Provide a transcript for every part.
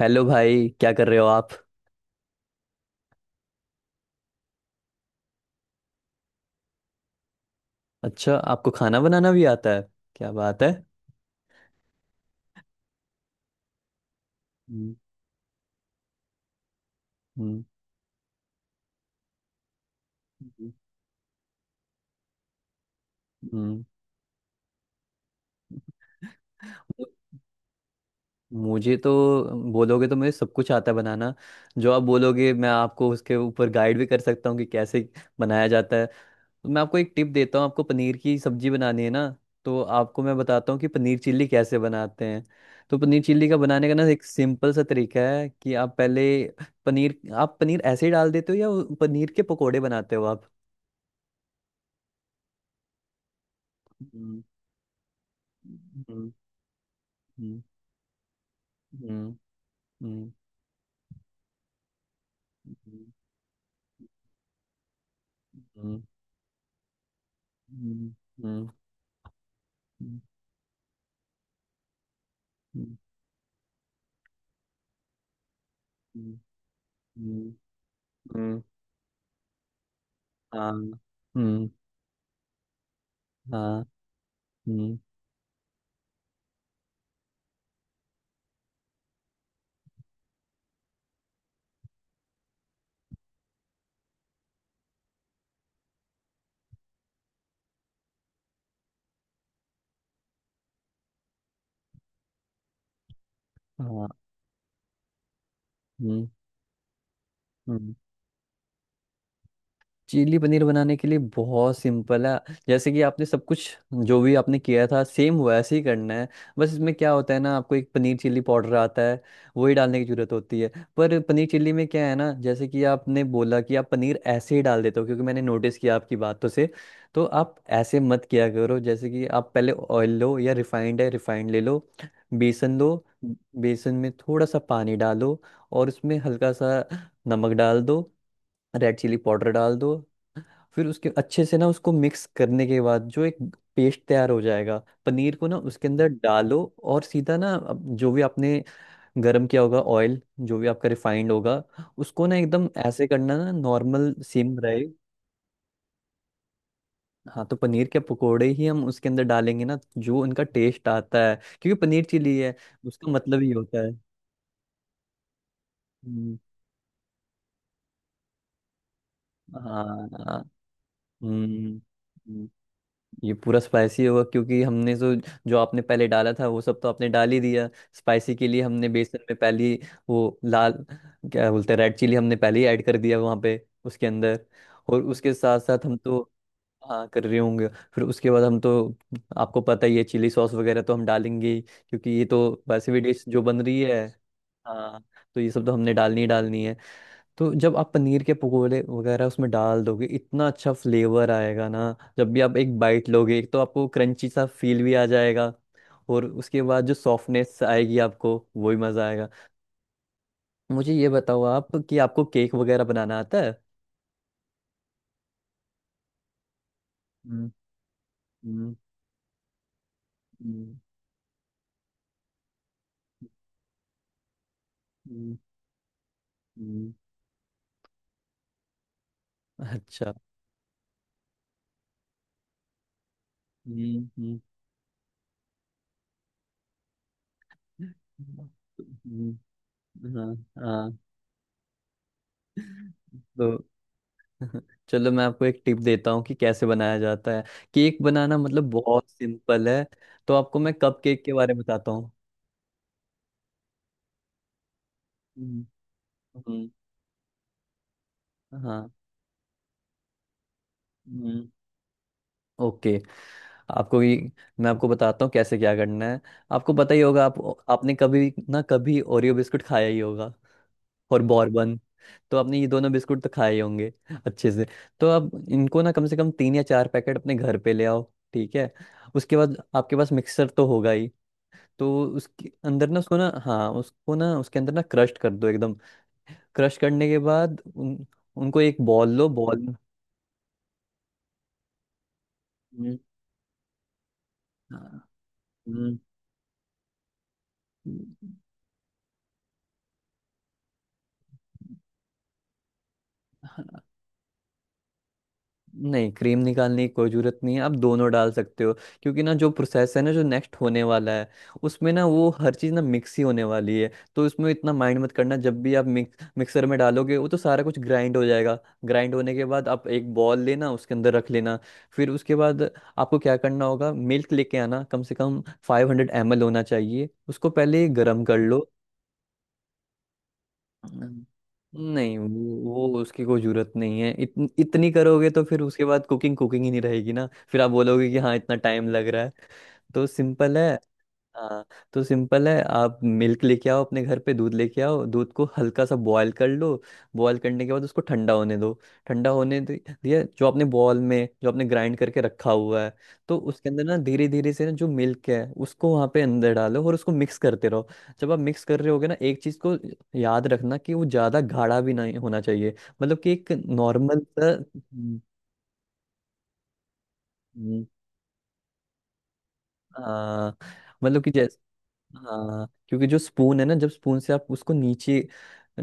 Hello भाई, क्या कर रहे हो आप? अच्छा, आपको खाना बनाना भी आता है? क्या बात है। हम्म। हम्म। जी। हम्म। मु- मुझे तो बोलोगे तो मुझे सब कुछ आता है बनाना। जो आप बोलोगे मैं आपको उसके ऊपर गाइड भी कर सकता हूँ कि कैसे बनाया जाता है। तो मैं आपको एक टिप देता हूँ, आपको पनीर की सब्जी बनानी है ना, तो आपको मैं बताता हूँ कि पनीर चिल्ली कैसे बनाते हैं। तो पनीर चिल्ली का बनाने का ना एक सिंपल सा तरीका है कि आप पहले पनीर, आप पनीर ऐसे ही डाल देते हो या वो पनीर के पकोड़े बनाते हो आप? हम्म, हम्म, हम्म, हम्म, हम्म, हम्म, हम्म, हम्म, हम्म, हम्म, हम्म, हम्म, हम्म। हम्म, हाँ। हम्म। हाँ। हम्म। हाँ। हम्म। हम्म। चिली पनीर बनाने के लिए बहुत सिंपल है। जैसे कि आपने सब कुछ, जो भी आपने किया था, सेम वैसे ही करना है। बस इसमें क्या होता है ना, आपको एक पनीर चिली पाउडर आता है, वही डालने की जरूरत होती है। पर पनीर चिली में क्या है ना, जैसे कि आपने बोला कि आप पनीर ऐसे ही डाल देते हो, क्योंकि मैंने नोटिस किया आपकी बातों से, तो आप ऐसे मत किया करो। जैसे कि आप पहले ऑयल लो, या रिफाइंड है रिफाइंड ले लो। बेसन लो, बेसन में थोड़ा सा पानी डालो, और उसमें हल्का सा नमक डाल दो, रेड चिली पाउडर डाल दो। फिर उसके अच्छे से ना उसको मिक्स करने के बाद जो एक पेस्ट तैयार हो जाएगा, पनीर को ना उसके अंदर डालो, और सीधा ना अब जो भी आपने गर्म किया होगा ऑयल, जो भी आपका रिफाइंड होगा, उसको ना एकदम ऐसे करना ना, नॉर्मल सिम रहे। हाँ, तो पनीर के पकोड़े ही हम उसके अंदर डालेंगे ना, जो उनका टेस्ट आता है, क्योंकि पनीर चिली है, उसका मतलब ही होता है। हम्म, हाँ हाँ, हम्म। हम्म। ये पूरा स्पाइसी होगा, क्योंकि हमने जो, जो आपने पहले डाला था वो सब तो आपने डाल ही दिया। स्पाइसी के लिए हमने बेसन में पहले ही वो लाल, क्या बोलते हैं, रेड चिली हमने पहले ही ऐड कर दिया वहाँ पे, उसके अंदर। और उसके साथ साथ हम तो हाँ कर रहे होंगे। फिर उसके बाद हम तो, आपको पता ही है, चिली सॉस वगैरह तो हम डालेंगे ही, क्योंकि ये तो वैसे भी डिश जो बन रही है। हाँ, तो ये सब तो हमने डालनी ही डालनी है। तो जब आप पनीर के पकोड़े वगैरह उसमें डाल दोगे, इतना अच्छा फ्लेवर आएगा ना। जब भी आप एक बाइट लोगे, एक तो आपको क्रंची सा फील भी आ जाएगा, और उसके बाद जो सॉफ्टनेस आएगी आपको, वो ही मज़ा आएगा। मुझे ये बताओ आप कि आपको केक वगैरह बनाना आता है? हम्म। हम्म। हम्म। हम्म। हम्म। अच्छा। हम्म, हम्म, हम्म, हाँ। हाँ, तो चलो मैं आपको एक टिप देता हूँ कि कैसे बनाया जाता है। केक बनाना मतलब बहुत सिंपल है। तो आपको मैं कप केक के बारे में बताता हूँ। हम्म, हम्म, हाँ। हम्म, ओके। आपको ये, मैं आपको बताता हूँ कैसे क्या करना है। आपको पता ही होगा, आप आपने कभी ना कभी ओरियो बिस्कुट खाया ही होगा, और बॉर्बन। तो आपने ये दोनों बिस्कुट तो खाए ही होंगे अच्छे से। तो आप इनको ना कम से कम 3 या 4 पैकेट अपने घर पे ले आओ। ठीक है? उसके बाद आपके पास मिक्सर तो होगा ही, तो उसके अंदर ना उसको ना, हाँ उसको ना उसके अंदर ना क्रश कर दो एकदम। क्रश करने के बाद उनको एक बॉल लो, बॉल। हम्म, हाँ, हम्म। नहीं, क्रीम निकालने की कोई ज़रूरत नहीं है, आप दोनों डाल सकते हो। क्योंकि ना जो प्रोसेस है ना, जो नेक्स्ट होने वाला है उसमें ना वो हर चीज़ ना मिक्स ही होने वाली है, तो इसमें इतना माइंड मत करना। जब भी आप मिक्स, मिक्सर में डालोगे वो तो सारा कुछ ग्राइंड हो जाएगा। ग्राइंड होने के बाद आप एक बॉल लेना, उसके अंदर रख लेना। फिर उसके बाद आपको क्या करना होगा, मिल्क लेके आना, कम से कम 500 ml होना चाहिए। उसको पहले गर्म कर लो। हम्म, नहीं वो, वो उसकी कोई जरूरत नहीं है। इतनी करोगे तो फिर उसके बाद कुकिंग, कुकिंग ही नहीं रहेगी ना, फिर आप बोलोगे कि हाँ इतना टाइम लग रहा है। तो सिंपल है। हाँ, तो सिंपल है, आप मिल्क लेके आओ, अपने घर पे दूध लेके आओ, दूध को हल्का सा बॉयल कर लो। बॉयल करने के बाद उसको ठंडा होने दो। ठंडा होने दिया, जो आपने बॉल में जो आपने ग्राइंड करके रखा हुआ है, तो उसके अंदर ना धीरे धीरे से ना जो मिल्क है, उसको वहाँ पे अंदर डालो, और उसको मिक्स करते रहो। जब आप मिक्स कर रहे होगे ना एक चीज़ को याद रखना कि वो ज़्यादा गाढ़ा भी नहीं होना चाहिए। मतलब कि एक नॉर्मल सा। हम्म, हाँ। मतलब कि जैसे, हाँ, क्योंकि जो स्पून है ना, जब स्पून से आप उसको नीचे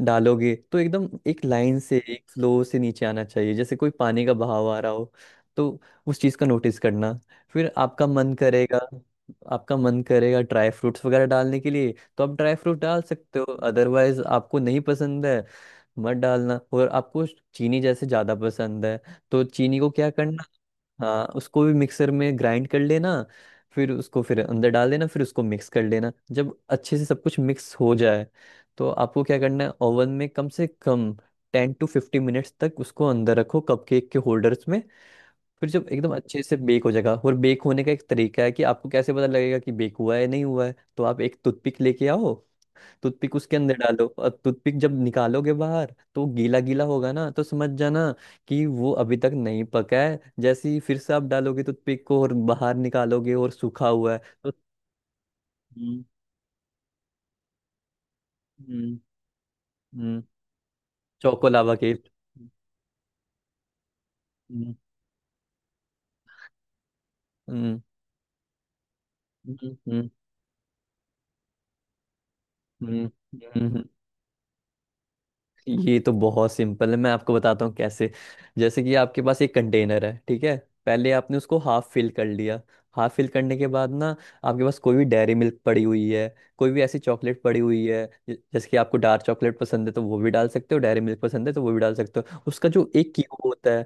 डालोगे तो एकदम एक लाइन से, एक फ्लो से नीचे आना चाहिए, जैसे कोई पानी का बहाव आ रहा हो। तो उस चीज़ का नोटिस करना। फिर आपका मन करेगा, आपका मन करेगा ड्राई फ्रूट्स वगैरह डालने के लिए, तो आप ड्राई फ्रूट डाल सकते हो, अदरवाइज आपको नहीं पसंद है मत डालना। और आपको चीनी जैसे ज़्यादा पसंद है, तो चीनी को क्या करना, हाँ उसको भी मिक्सर में ग्राइंड कर लेना। फिर उसको फिर अंदर डाल देना, फिर उसको मिक्स कर लेना। जब अच्छे से सब कुछ मिक्स हो जाए, तो आपको क्या करना है, ओवन में कम से कम 10 to 50 minutes तक उसको अंदर रखो, कपकेक के होल्डर्स में। फिर जब एकदम अच्छे से बेक हो जाएगा, और बेक होने का एक तरीका है कि आपको कैसे पता लगेगा कि बेक हुआ है नहीं हुआ है, तो आप एक टूथपिक लेके आओ, टूथपिक उसके अंदर डालो, और टूथपिक जब निकालोगे बाहर तो गीला गीला होगा ना, तो समझ जाना कि वो अभी तक नहीं पका है। जैसे ही फिर से आप डालोगे टूथपिक को और बाहर निकालोगे और सूखा हुआ है तो। हम्म। हम्म। हम्म। Choco lava cake. हम्म। हम्म। हम्म। हम्म। हम्म, हम्म। ये तो बहुत सिंपल है, मैं आपको बताता हूँ कैसे। जैसे कि आपके पास एक कंटेनर है, ठीक है, पहले आपने उसको हाफ फिल कर लिया। हाफ फिल करने के बाद ना, आपके पास कोई भी डेयरी मिल्क पड़ी हुई है, कोई भी ऐसी चॉकलेट पड़ी हुई है, जैसे कि आपको डार्क चॉकलेट पसंद है तो वो भी डाल सकते हो, डेयरी मिल्क पसंद है तो वो भी डाल सकते हो। उसका जो एक क्यूब होता है,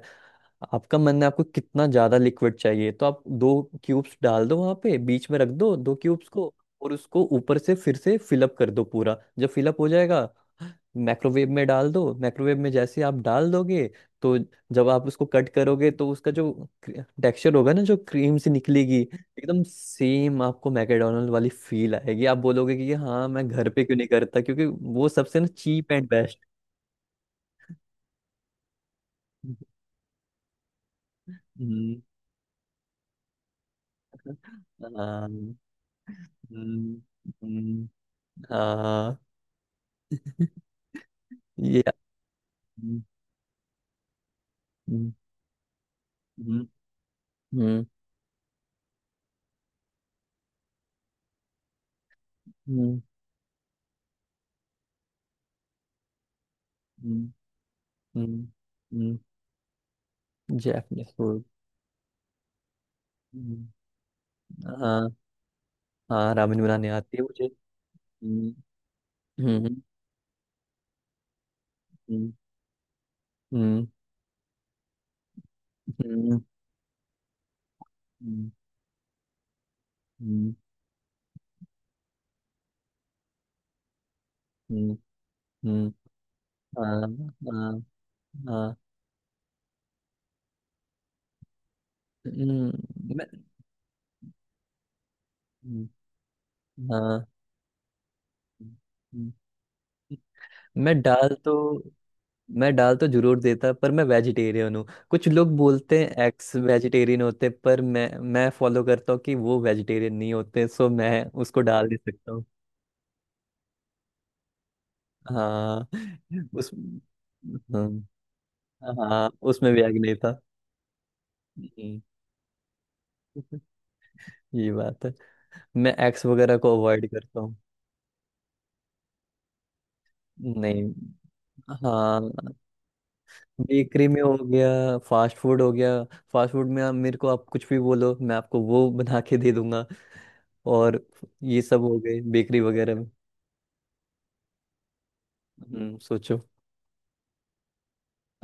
आपका मन है आपको कितना ज्यादा लिक्विड चाहिए, तो आप दो क्यूब्स डाल दो, वहां पे बीच में रख दो दो क्यूब्स को। और उसको ऊपर से फिर से फिलअप कर दो पूरा। जब फिलअप हो जाएगा, माइक्रोवेव में डाल दो। माइक्रोवेव में जैसे आप डाल दोगे, तो जब आप उसको कट करोगे, तो उसका जो टेक्सचर होगा ना, जो क्रीम से निकलेगी, एकदम सेम आपको मैकडोनल्ड वाली फील आएगी। आप बोलोगे कि हाँ, मैं घर पे क्यों नहीं करता, क्योंकि वो सबसे ना चीप एंड बेस्ट। हम्म। हाँ। हम्म, हम्म, हाँ। ये। हम्म, हम्म, हम्म, हम्म, हम्म, हम्म, हम्म, हम्म। Japanese food. हम्म, हाँ। हाँ, रामेन बनाने आती है मुझे। हम्म, हम्म, हम्म, हम्म, हम्म, हम्म, हम्म, हम्म, हम्म। हाँ हाँ हाँ। हम्म। मैं। हम्म, हाँ। हम्म, हम्म, मैं दाल तो मैं डाल तो जरूर देता, पर मैं वेजिटेरियन हूँ। कुछ लोग बोलते हैं एक्स वेजिटेरियन होते, पर मैं फॉलो करता हूँ कि वो वेजिटेरियन नहीं होते, सो मैं उसको डाल नहीं सकता हूँ। हाँ। उस, हाँ। हाँ उसमें व्याग नहीं था। हम्म, ये बात है, मैं एक्स वगैरह को अवॉइड करता हूँ। नहीं। हाँ, बेकरी में हो गया, फास्ट फूड हो गया। फास्ट फूड में आप मेरे को आप कुछ भी बोलो, मैं आपको वो बना के दे दूंगा। और ये सब हो गए बेकरी वगैरह में। सोचो।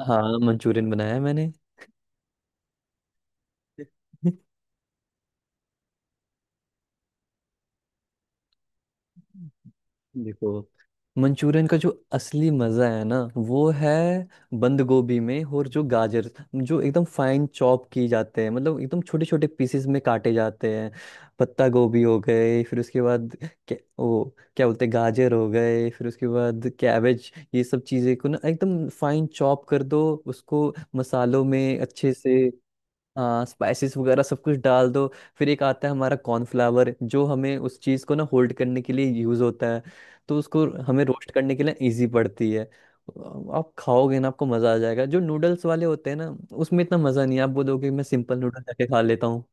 हाँ, मंचूरियन बनाया मैंने। देखो, मंचूरियन का जो असली मजा है ना वो है, बंद गोभी में और जो गाजर, जो एकदम फाइन चॉप की जाते हैं, मतलब एकदम छोटे छोटे पीसेस में काटे जाते हैं। पत्ता गोभी हो गए, फिर उसके बाद क्या, वो क्या बोलते हैं, गाजर हो गए, फिर उसके बाद कैबेज, ये सब चीज़ें को ना एकदम फाइन चॉप कर दो। उसको मसालों में अच्छे से, हाँ स्पाइसेस वगैरह सब कुछ डाल दो। फिर एक आता है हमारा कॉर्नफ्लावर, जो हमें उस चीज़ को ना होल्ड करने के लिए यूज़ होता है, तो उसको हमें रोस्ट करने के लिए इजी पड़ती है। आप खाओगे ना आपको मज़ा आ जाएगा। जो नूडल्स वाले होते हैं ना, उसमें इतना मज़ा नहीं है। आप बोलोगे मैं सिंपल नूडल जाके खा लेता हूँ।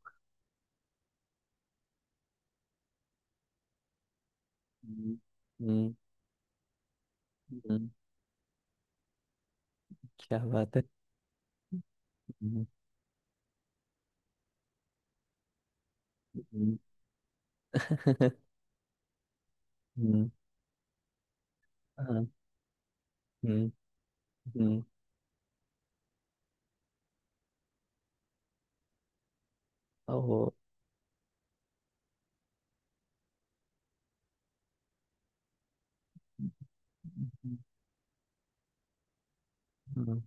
हम्म, हम्म, हम्म, क्या बात है। हम्म, हम्म, हम्म, हाँ, हम्म, हम्म, ओहो, हम्म, हम्म,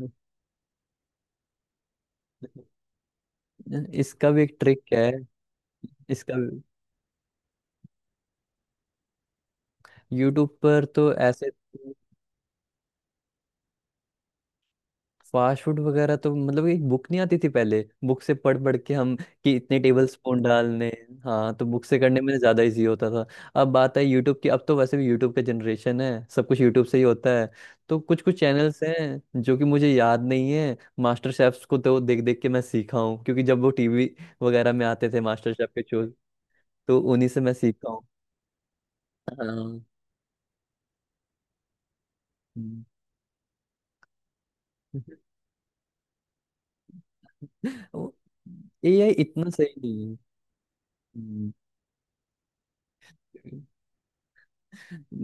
हम्म। इसका भी एक ट्रिक है। इसका, यूट्यूब पर तो ऐसे, फास्ट फूड वगैरह तो मतलब, एक बुक नहीं आती थी पहले, बुक से पढ़ पढ़ के हम, कि इतने टेबल स्पून डालने। हाँ, तो बुक से करने में ज्यादा इजी होता था। अब बात है यूट्यूब की, अब तो वैसे भी यूट्यूब का जनरेशन है, सब कुछ यूट्यूब से ही होता है। तो कुछ कुछ चैनल्स हैं, जो कि मुझे याद नहीं है। मास्टर शेफ्स को तो देख देख के मैं सीखा हूँ, क्योंकि जब वो टीवी वगैरह में आते थे, मास्टर शेफ के शो, तो उन्हीं से मैं सीखा हूँ। हाँ, एआई इतना सही नहीं है।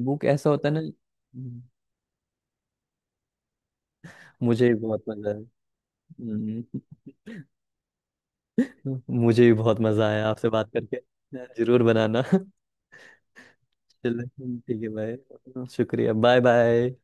बुक ऐसा होता है ना। मुझे भी बहुत मजा आया। हम्म, मुझे भी बहुत मजा आया आपसे बात करके। जरूर बनाना। चलो, ठीक है भाई, शुक्रिया। Bye bye.